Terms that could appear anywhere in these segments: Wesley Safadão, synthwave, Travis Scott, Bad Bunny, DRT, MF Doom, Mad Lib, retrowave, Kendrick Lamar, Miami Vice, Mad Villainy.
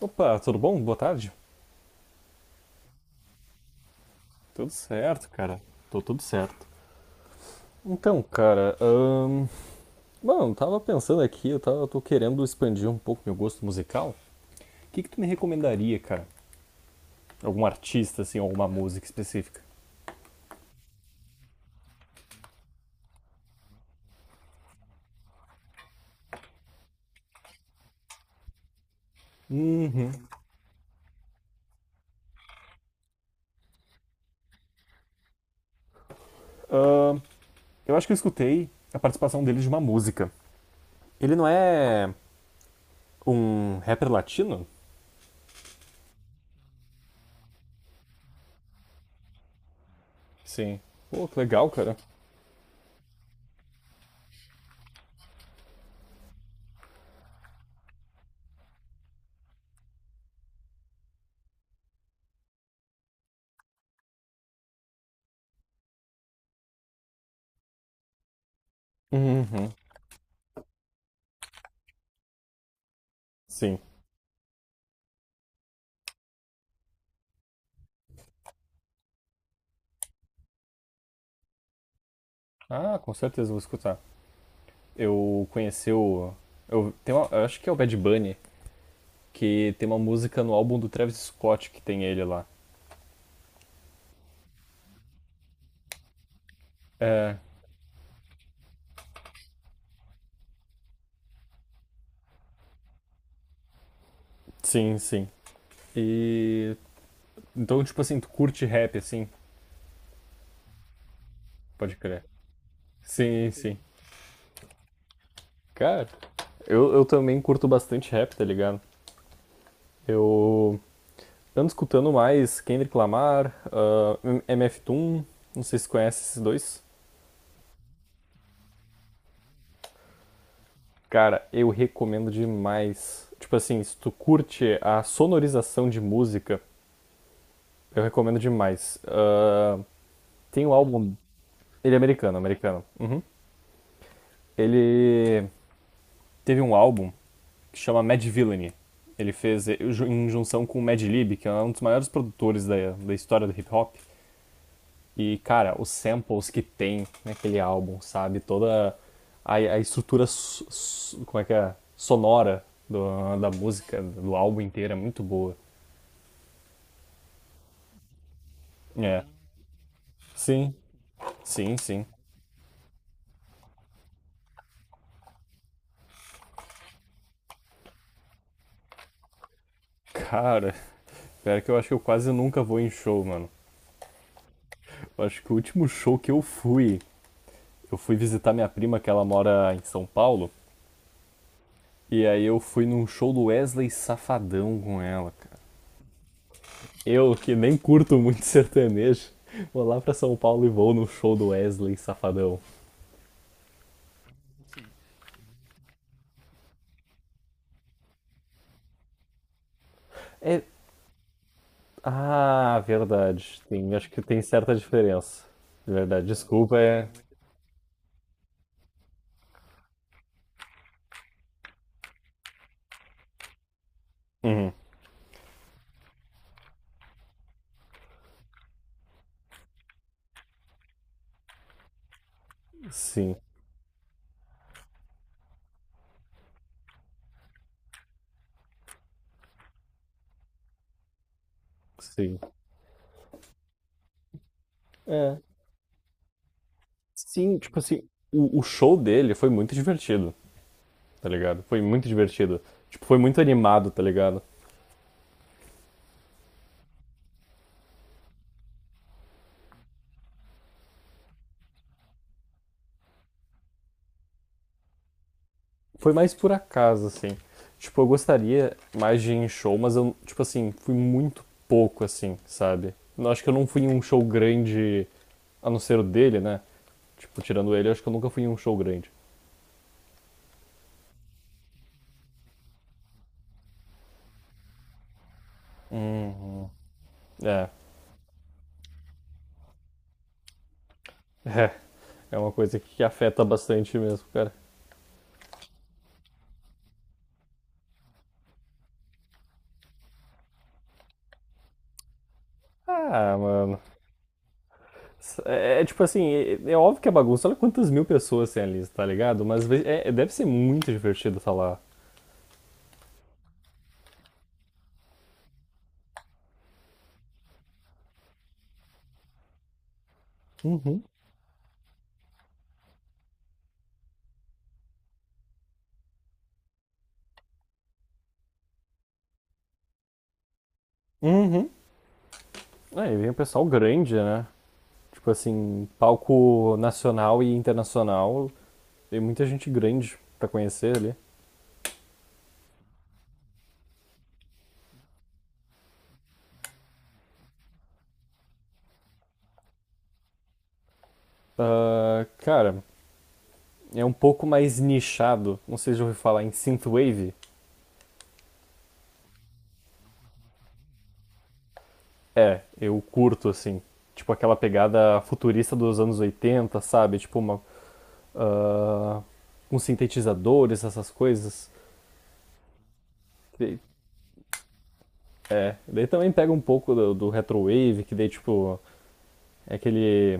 Opa, tudo bom? Boa tarde. Tudo certo, cara. Tô tudo certo. Então, cara, mano, tava pensando aqui, tô querendo expandir um pouco meu gosto musical. O que que tu me recomendaria, cara? Algum artista, assim, alguma música específica? Uhum. Ahn, eu acho que eu escutei a participação dele de uma música. Ele não é um rapper latino? Sim. Pô, que legal, cara. Uhum. Sim. Ah, com certeza eu vou escutar. Eu conheci o. Eu, eu acho que é o Bad Bunny que tem uma música no álbum do Travis Scott que tem ele lá. É, sim. E então, tipo assim, tu curte rap, assim, pode crer. Sim, sim. Cara, eu também curto bastante rap, tá ligado? Eu ando escutando mais Kendrick Lamar, MF Doom, não sei se conhece esses dois. Cara, eu recomendo demais. Tipo assim, se tu curte a sonorização de música, eu recomendo demais. Ah, tem o álbum. Ele é americano. Uhum. Ele teve um álbum que chama Mad Villainy. Ele fez em junção com o Mad Lib, que é um dos maiores produtores da, da história do hip hop. E, cara, os samples que tem naquele álbum, sabe? Toda a estrutura, como é que é? Sonora do- da música, do álbum inteiro é muito boa. É. Sim, sim, sim. Cara, pior que eu acho que eu quase nunca vou em show, mano. Eu acho que o último show que eu fui, eu fui visitar minha prima, que ela mora em São Paulo, e aí eu fui num show do Wesley Safadão com ela, cara. Eu, que nem curto muito sertanejo, vou lá pra São Paulo e vou no show do Wesley Safadão. É... Ah, verdade. Tem, acho que tem certa diferença. Verdade, desculpa, é... Sim, sim. É, sim, tipo assim, o show dele foi muito divertido, tá ligado? Foi muito divertido. Tipo, foi muito animado, tá ligado? Foi mais por acaso, assim. Tipo, eu gostaria mais de ir em show, mas eu, tipo assim, fui muito pouco, assim, sabe? Eu acho que eu não fui em um show grande, a não ser o dele, né? Tipo, tirando ele, eu acho que eu nunca fui em um show grande. É, é. É uma coisa que afeta bastante mesmo, cara. Ah, mano. É, tipo assim, é óbvio que é bagunça. Olha quantas mil pessoas tem ali, tá ligado? Mas deve ser muito divertido estar lá. Uhum. Aí vem o pessoal grande, né? Tipo assim, palco nacional e internacional. Tem muita gente grande pra conhecer ali. Ah, cara, é um pouco mais nichado. Não sei se já ouviu falar em synthwave. É, eu curto assim. Tipo aquela pegada futurista dos anos 80, sabe? Tipo uma, com sintetizadores, essas coisas. E- É, daí também pega um pouco do, do retrowave, que daí tipo é aquele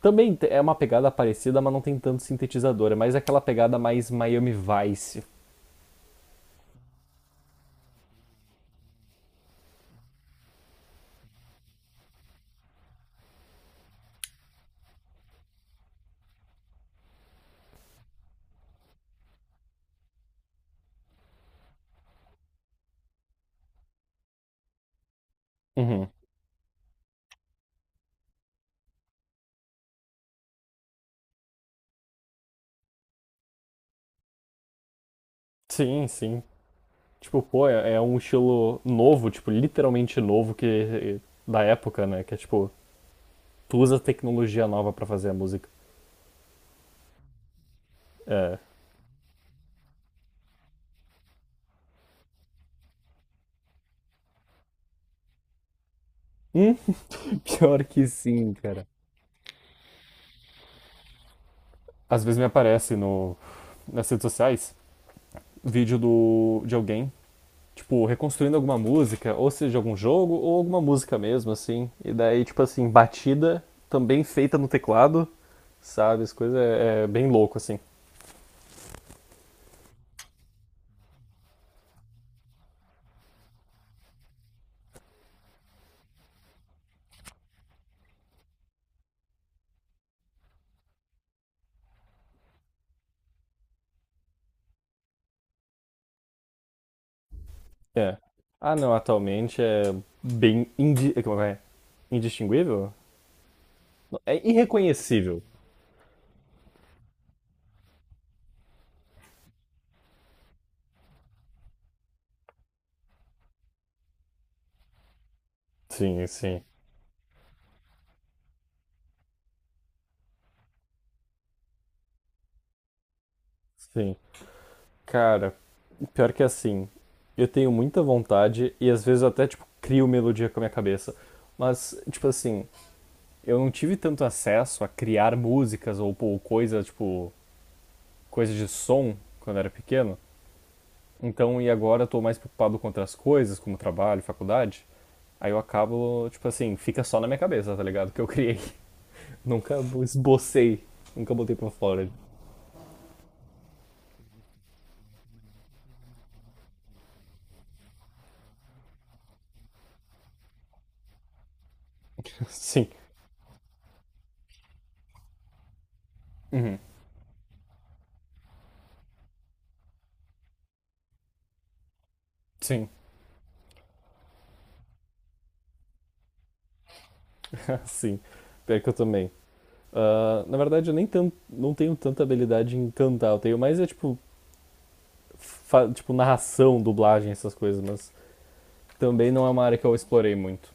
também é uma pegada parecida, mas não tem tanto sintetizador. É mais aquela pegada mais Miami Vice. Uhum. Sim, sim. Tipo, pô, é um estilo novo, tipo, literalmente novo, que da época, né? Que é tipo, tu usa tecnologia nova pra fazer a música. É. Hum? Pior que sim, cara. Às vezes me aparece no, nas redes sociais, vídeo do, de alguém, tipo, reconstruindo alguma música, ou seja, algum jogo ou alguma música mesmo assim. E daí, tipo assim, batida também feita no teclado, sabe? As coisas é, é bem louco assim. É. Ah, não, atualmente é bem como é? Indistinguível? É irreconhecível. Sim, sim, sim. Cara, pior que assim, eu tenho muita vontade e às vezes eu até, tipo, crio melodia com a minha cabeça. Mas, tipo assim, eu não tive tanto acesso a criar músicas ou coisas, tipo, coisas de som quando eu era pequeno. Então, e agora eu tô mais preocupado com outras coisas, como trabalho, faculdade. Aí eu acabo, tipo assim, fica só na minha cabeça, tá ligado? Que eu criei. Nunca esbocei, nunca botei pra fora. Sim. Uhum. Sim. Sim. Pior que eu também. Ah, na verdade, eu nem tan- não tenho tanta habilidade em cantar. Eu tenho mais é tipo, tipo narração, dublagem, essas coisas, mas também não é uma área que eu explorei muito.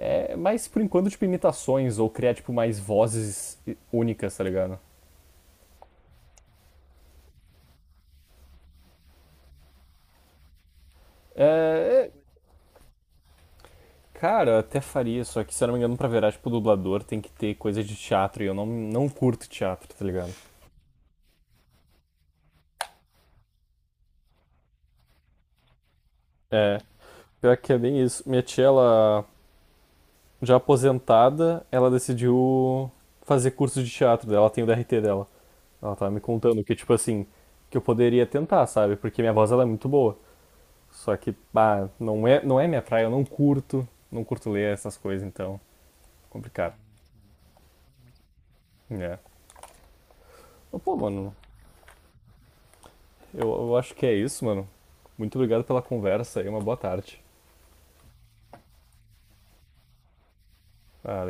É mais por enquanto, tipo, imitações ou criar, tipo, mais vozes únicas, tá ligado? É, é, Cara, eu até faria, só que se eu não me engano, pra virar, tipo, dublador tem que ter coisa de teatro e eu não, não curto teatro, tá ligado? É, pior que é bem isso. Minha tia, ela já aposentada, ela decidiu fazer curso de teatro dela, ela tem o DRT dela. Ela tava me contando que, tipo assim, que eu poderia tentar, sabe? Porque minha voz, ela é muito boa. Só que, pá, não é minha praia, eu não curto, não curto ler essas coisas, então, complicado. É. Mas, pô, mano, eu acho que é isso, mano. Muito obrigado pela conversa e uma boa tarde. Valeu.